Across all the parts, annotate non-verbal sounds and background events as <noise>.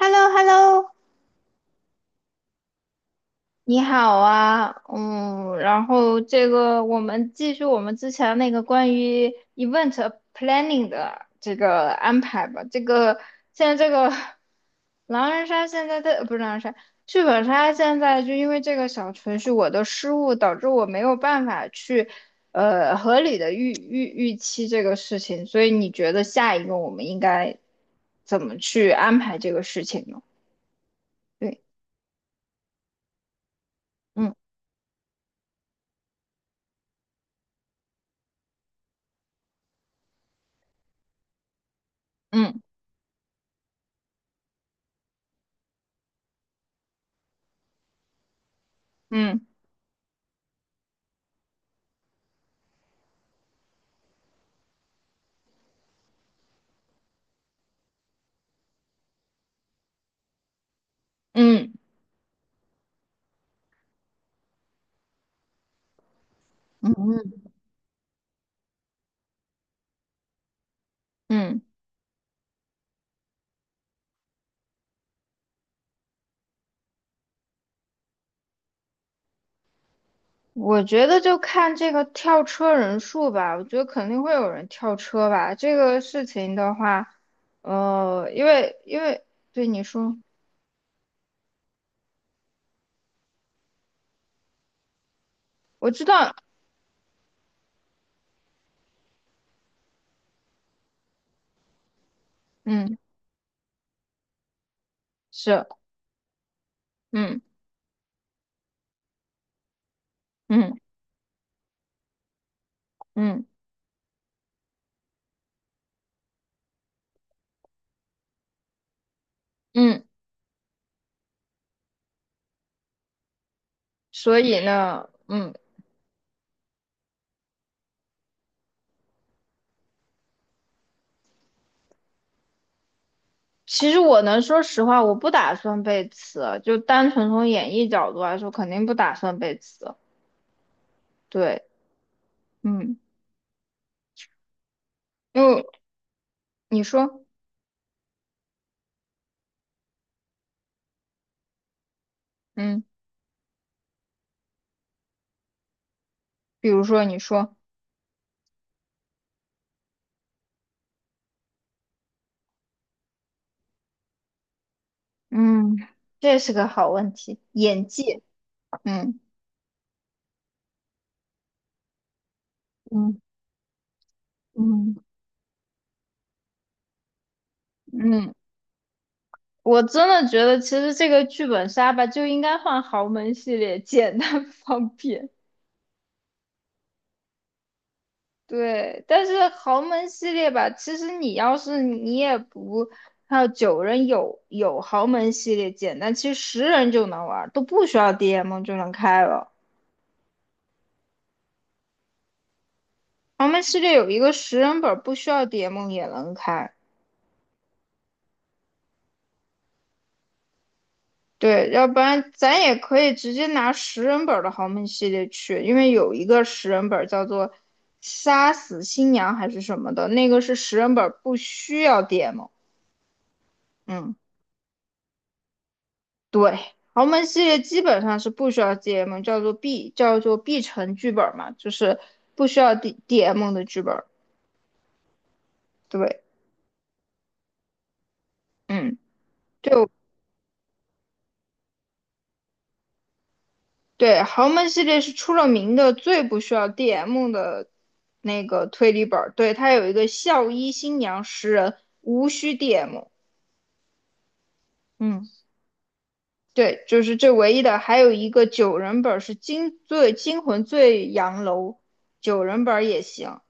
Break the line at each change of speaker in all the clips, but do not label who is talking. h e l l o h e l l o 你好啊，嗯，然后这个我们继续我们之前那个关于 event planning 的这个安排吧。这个现在这个狼人杀现在不是狼人杀，剧本杀现在就因为这个小程序我的失误，导致我没有办法去合理的预期这个事情，所以你觉得下一个我们应该怎么去安排这个事情呢？对，嗯嗯嗯。嗯嗯嗯，嗯，我觉得就看这个跳车人数吧，我觉得肯定会有人跳车吧。这个事情的话，因为对你说，我知道，嗯，是，嗯嗯嗯嗯，所以呢，嗯，其实我能说实话，我不打算背词，就单纯从演绎角度来说，肯定不打算背词。对，嗯，因为你说，嗯，比如说你说。嗯，这是个好问题，演技，嗯嗯嗯，嗯，我真的觉得其实这个剧本杀吧就应该换豪门系列，简单 <laughs> 方便。对，但是豪门系列吧，其实你要是你也不，还有九人有豪门系列简单，其实十人就能玩儿，都不需要 DM 就能开了。豪门系列有一个十人本儿，不需要 DM 也能开。对，要不然咱也可以直接拿十人本儿的豪门系列去，因为有一个十人本儿叫做"杀死新娘"还是什么的，那个是十人本儿不需要 DM。嗯，对，豪门系列基本上是不需要 DM，叫做 B 城剧本嘛，就是不需要 DM 的剧本对，嗯。对，豪门系列是出了名的最不需要 DM 的那个推理本儿，对，它有一个校医新娘十人，无需 DM。嗯，对，就是这唯一的，还有一个九人本儿是最惊魂醉阳楼，九人本儿也行。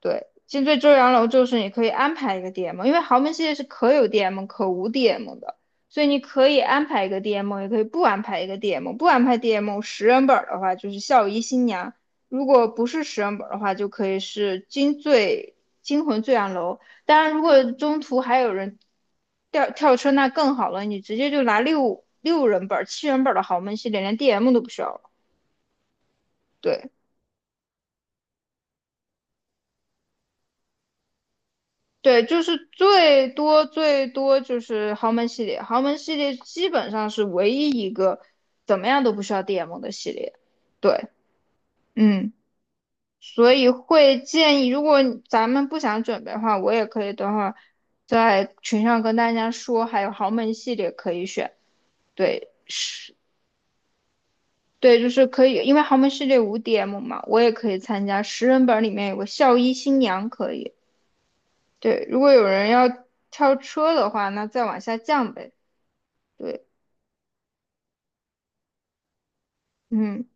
对，金最周阳楼就是你可以安排一个 DM，因为豪门系列是可有 DM 可无 DM 的，所以你可以安排一个 DM，也可以不安排一个 DM。不安排 DM 十人本儿的话，就是孝仪新娘；如果不是十人本儿的话，就可以是惊魂醉阳楼。当然，如果中途还有人跳车，那更好了，你直接就拿六人本儿七人本儿的豪门系列，连 DM 都不需要了。对，对，就是最多最多就是豪门系列，豪门系列基本上是唯一一个怎么样都不需要 DM 的系列。对，嗯，所以会建议，如果咱们不想准备的话，我也可以等会儿在群上跟大家说，还有豪门系列可以选。对，是，对，就是可以，因为豪门系列无 DM 嘛，我也可以参加。十人本里面有个校医新娘可以。对，如果有人要跳车的话，那再往下降呗。对，嗯，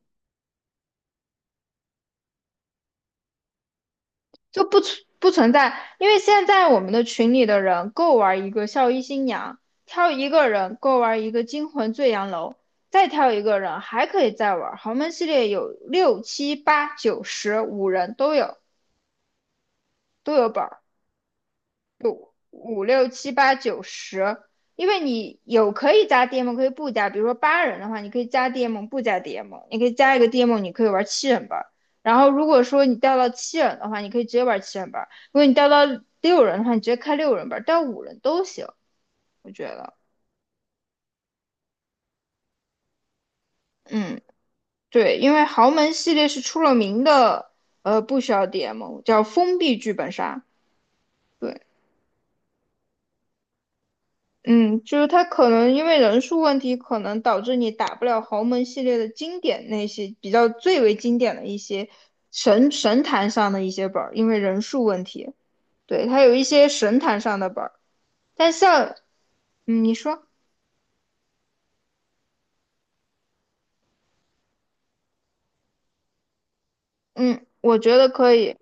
就不存在，因为现在我们的群里的人够玩一个孝衣新娘，挑一个人够玩一个惊魂醉阳楼，再挑一个人还可以再玩豪门系列有六七八九十五人都有本儿。五六七八九十，因为你有可以加 DM，可以不加。比如说八人的话，你可以加 DM，不加 DM，你可以加一个 DM，你可以玩七人班。然后如果说你掉到七人的话，你可以直接玩七人班；如果你掉到六人的话，你直接开六人班，掉五人都行，我觉得。嗯，对，因为豪门系列是出了名的，不需要 DM，叫封闭剧本杀。对，嗯，就是他可能因为人数问题，可能导致你打不了豪门系列的经典那些比较最为经典的一些神坛上的一些本儿，因为人数问题。对，他有一些神坛上的本儿，但像嗯你说，嗯，我觉得可以，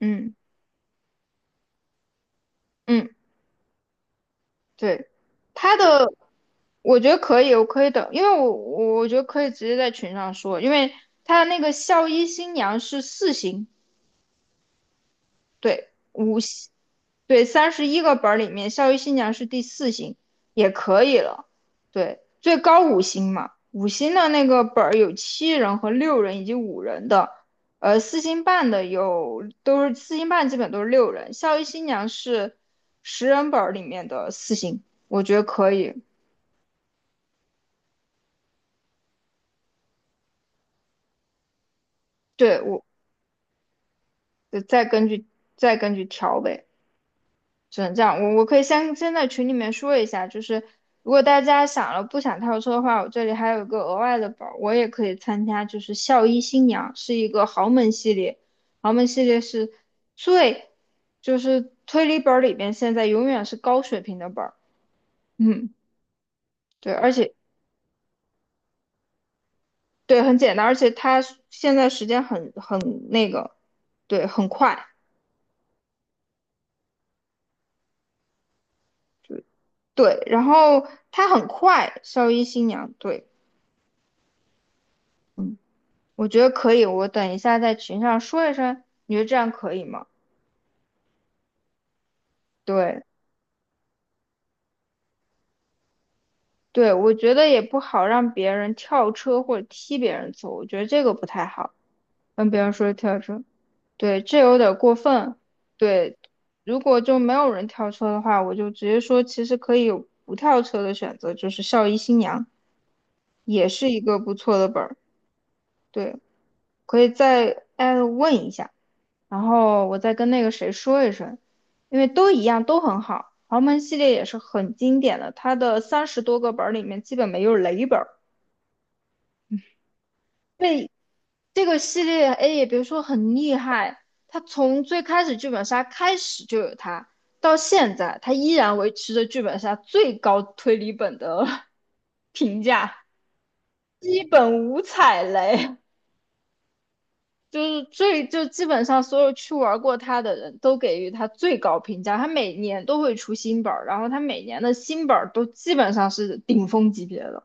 嗯嗯，对，他的我觉得可以，我可以等，因为我觉得可以直接在群上说，因为它那个校医新娘是四星，对。五星。对，31个本儿里面，《校育新娘》是第四星，也可以了。对，最高五星嘛，五星的那个本儿有七人和六人以及五人的，四星半的有都是四星半，基本都是六人。《校育新娘》是十人本儿里面的四星，我觉得可以。对，我再根据再根据调呗。只能这样。我可以先在群里面说一下，就是如果大家想了不想跳车的话，我这里还有一个额外的宝，我也可以参加，就是校医新娘是一个豪门系列，豪门系列是最就是推理本儿里边现在永远是高水平的本儿，嗯，对，而且对很简单，而且它现在时间很那个，对，很快，对，然后它很快，校医新娘，对，嗯。我觉得可以，我等一下在群上说一声，你觉得这样可以吗？对，对，我觉得也不好让别人跳车或者踢别人走，我觉得这个不太好，跟别人说跳车，对，这有点过分。对，如果就没有人跳车的话，我就直接说，其实可以有不跳车的选择，就是校医新娘，也是一个不错的本儿，对，可以再艾特问一下。然后我再跟那个谁说一声，因为都一样，都很好。豪门系列也是很经典的，它的30多个本儿里面基本没有雷本儿。对，这个系列 A 也别说很厉害，它从最开始剧本杀开始就有它，到现在它依然维持着剧本杀最高推理本的 <laughs> 评价，基本无踩雷。就是最就基本上所有去玩过他的人都给予他最高评价。他每年都会出新本儿，然后他每年的新本儿都基本上是顶峰级别的，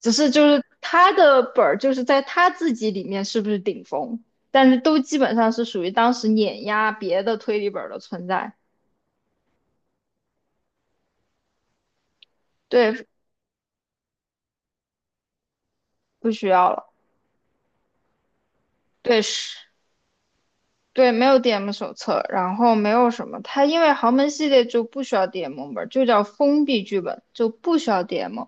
只是就是他的本儿就是在他自己里面是不是顶峰，但是都基本上是属于当时碾压别的推理本儿的存在。对，不需要了。对，是。对，没有 DM 手册，然后没有什么，它因为豪门系列就不需要 DM 本，就叫封闭剧本，就不需要 DM，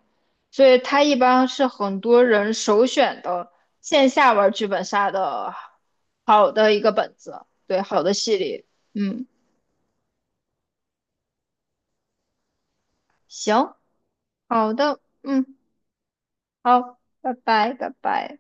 所以它一般是很多人首选的线下玩剧本杀的好的一个本子，对，好的系列，嗯，行，好的，嗯，好，拜拜，拜拜。